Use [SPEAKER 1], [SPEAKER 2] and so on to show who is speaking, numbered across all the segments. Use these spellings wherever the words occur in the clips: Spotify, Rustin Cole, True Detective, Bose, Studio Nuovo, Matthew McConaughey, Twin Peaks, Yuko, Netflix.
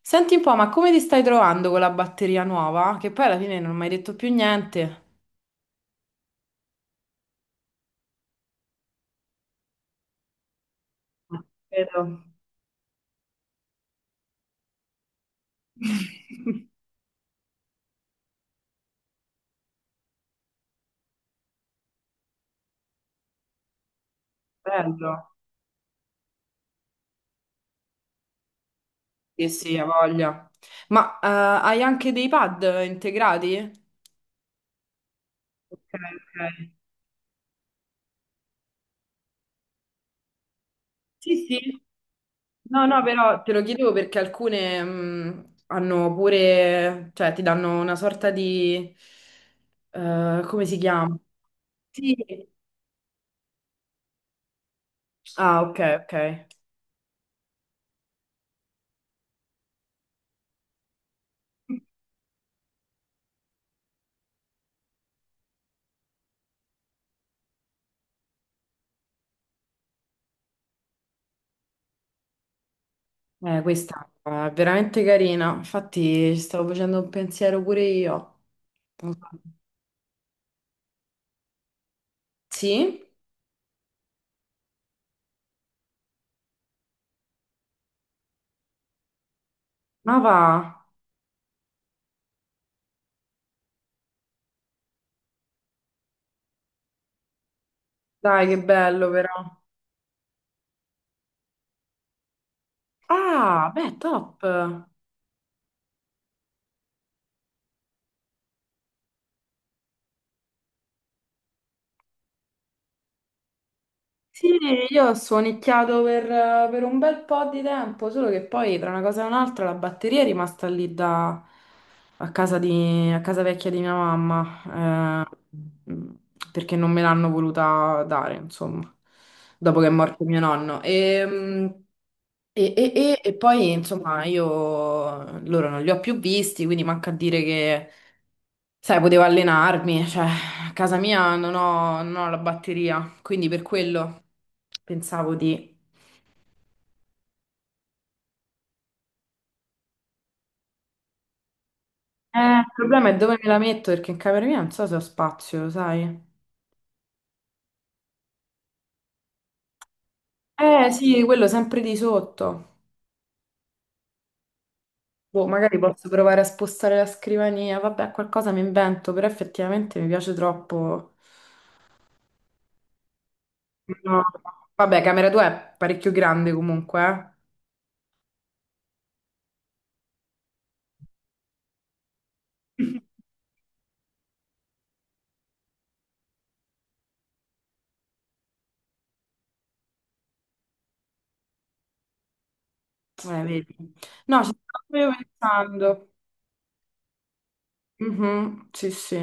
[SPEAKER 1] Senti un po', ma come ti stai trovando con la batteria nuova? Che poi alla fine non mi hai detto più niente. Vero. Bello. Sì, sì, ha voglia. Ma hai anche dei pad integrati? Ok, ok. Sì, sì. No, no, però te lo chiedevo perché alcune hanno pure, cioè ti danno una sorta di... come si chiama? Sì. Ah, ok, ok. Questa è veramente carina, infatti ci stavo facendo un pensiero pure io. Non so. Sì? Ma va, dai che bello però. Ah, beh, top. Sì, io ho suonicchiato per un bel po' di tempo, solo che poi tra una cosa e un'altra la batteria è rimasta lì da, a casa a casa vecchia di mia mamma, mm, perché non me l'hanno voluta dare, insomma, dopo che è morto mio nonno. E poi, insomma, io loro non li ho più visti, quindi manca a dire che, sai, potevo allenarmi, cioè, a casa mia non ho la batteria, quindi per quello pensavo di... il problema è dove me la metto, perché in camera mia non so se ho spazio, lo sai? Eh sì, quello sempre di sotto. Boh, magari posso provare a spostare la scrivania, vabbè, qualcosa mi invento, però effettivamente mi piace troppo. No. Vabbè, camera tua è parecchio grande comunque, eh? Vedi. No, ci stavo proprio pensando. Mhm, sì, sì.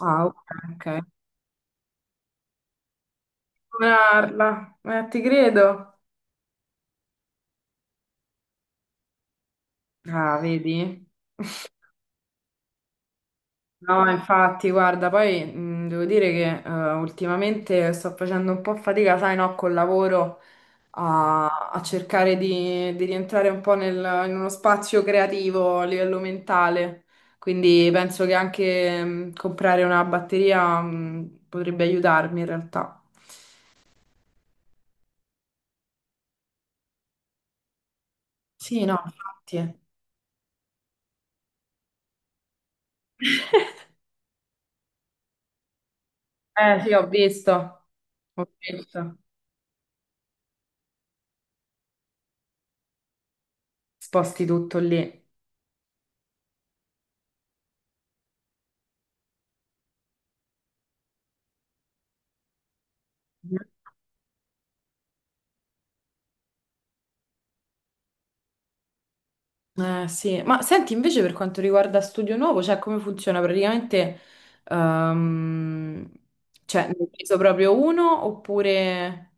[SPEAKER 1] Ah, ok, ok. Comprarla. Ti credo. Ah, vedi? No, infatti, guarda, poi devo dire che ultimamente sto facendo un po' fatica, sai, no, col lavoro a cercare di rientrare un po' in uno spazio creativo a livello mentale. Quindi penso che anche comprare una batteria potrebbe aiutarmi in realtà. Sì, no, infatti. Eh sì, ho visto, ho visto. Sposti tutto lì. Sì, ma senti invece per quanto riguarda Studio Nuovo, cioè come funziona praticamente? ehm, cioè, ne hai preso proprio uno oppure...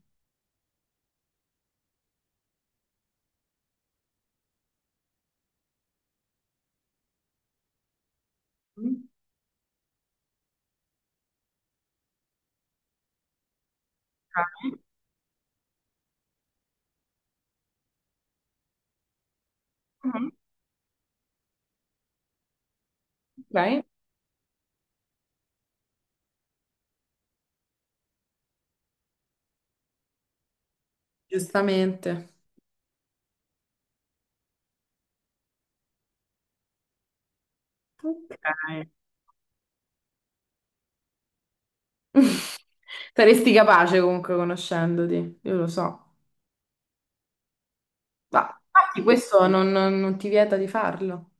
[SPEAKER 1] Mm. Ok. Mhm. Ok. Giustamente. Ok. Saresti capace comunque conoscendoti, io lo so. Ma infatti questo non ti vieta di farlo.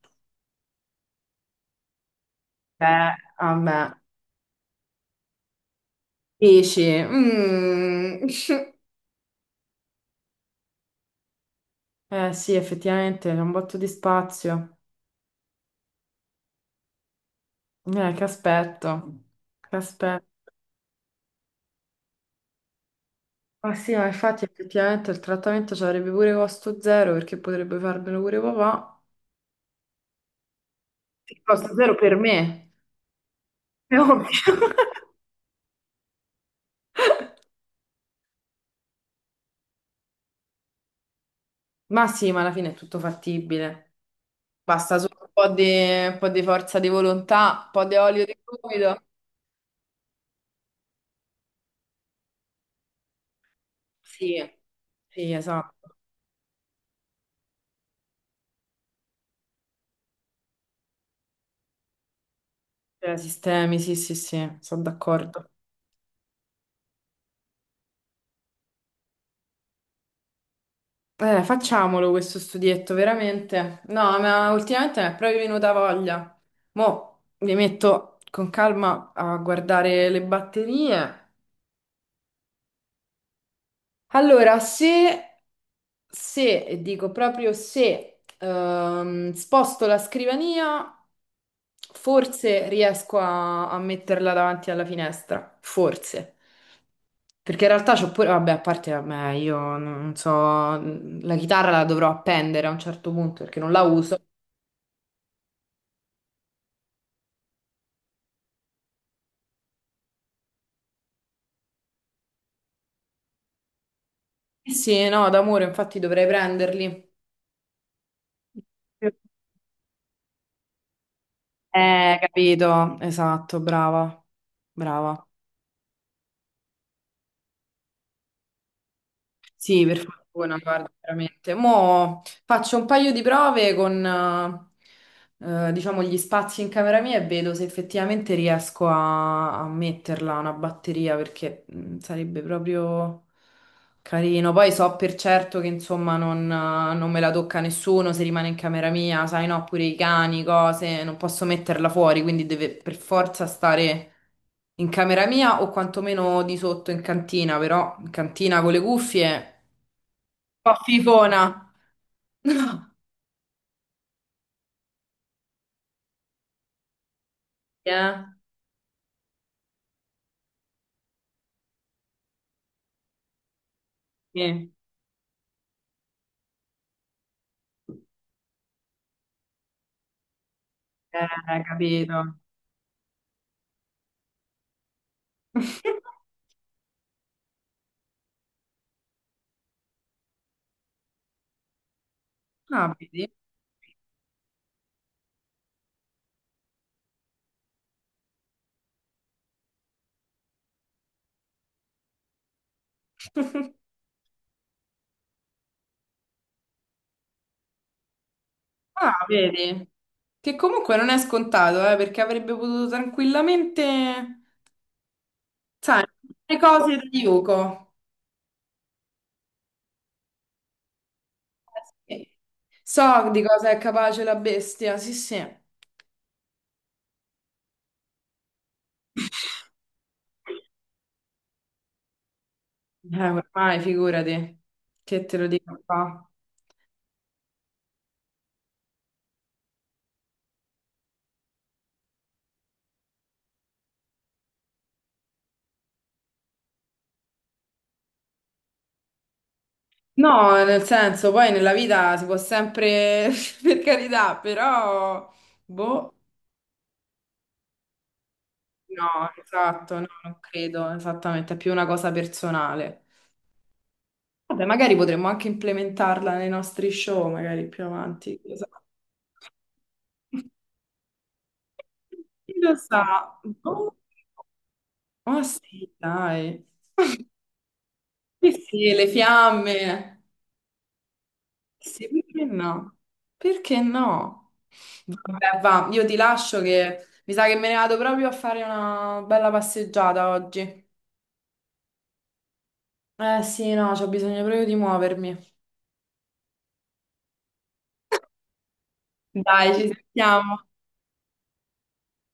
[SPEAKER 1] Beh, vabbè. Dici, mm. Eh sì, effettivamente c'è un botto di spazio. Che aspetto, che aspetto. Ma sì, ma infatti effettivamente il trattamento ci avrebbe pure costo zero perché potrebbe farmelo pure papà. Che costo zero per me, è ovvio. Ma sì, ma alla fine è tutto fattibile. Basta solo un po' di forza di volontà, un po' di olio di gomito. Sì, sì, esatto. Cioè, sistemi, sì, sì, sì, sono d'accordo. Facciamolo questo studietto, veramente. No, ma ultimamente mi è proprio venuta voglia. Mo' mi metto con calma a guardare le batterie. Allora, se, se, e dico proprio se, sposto la scrivania, forse riesco a metterla davanti alla finestra. Forse. Perché in realtà c'ho pure, vabbè, a parte, vabbè, io non so, la chitarra la dovrò appendere a un certo punto perché non la uso. Eh sì, no, d'amore, infatti dovrei prenderli. Capito, esatto, brava, brava. Sì, per fortuna, guarda, veramente. Mo' faccio un paio di prove con, diciamo, gli spazi in camera mia e vedo se effettivamente riesco a metterla una batteria perché mm, sarebbe proprio... Carino, poi so per certo che insomma non me la tocca nessuno se rimane in camera mia, sai no, pure i cani, cose, non posso metterla fuori, quindi deve per forza stare in camera mia o quantomeno di sotto in cantina, però in cantina con le cuffie, un po' fifona. Eh, sì. Capito. Ah, vedi? Ah, vedi? Che comunque non è scontato, perché avrebbe potuto tranquillamente... Sai, le cose da Yuko. Sì. So di cosa è capace la bestia, sì, sì. Ormai figurati, che te lo dico qua. No, nel senso, poi nella vita si può sempre, per carità, però, boh, no, esatto, no, non credo, esattamente, è più una cosa personale. Vabbè, magari potremmo anche implementarla nei nostri show, magari più avanti, chi lo sa. Chi lo sa? Boh. Ah sì, dai. Sì, sì, le fiamme. Sì, perché no? Perché no? Vabbè, va, io ti lascio che mi sa che me ne vado proprio a fare una bella passeggiata oggi. Eh sì, no, c'ho bisogno proprio di muovermi. Dai, ci sentiamo.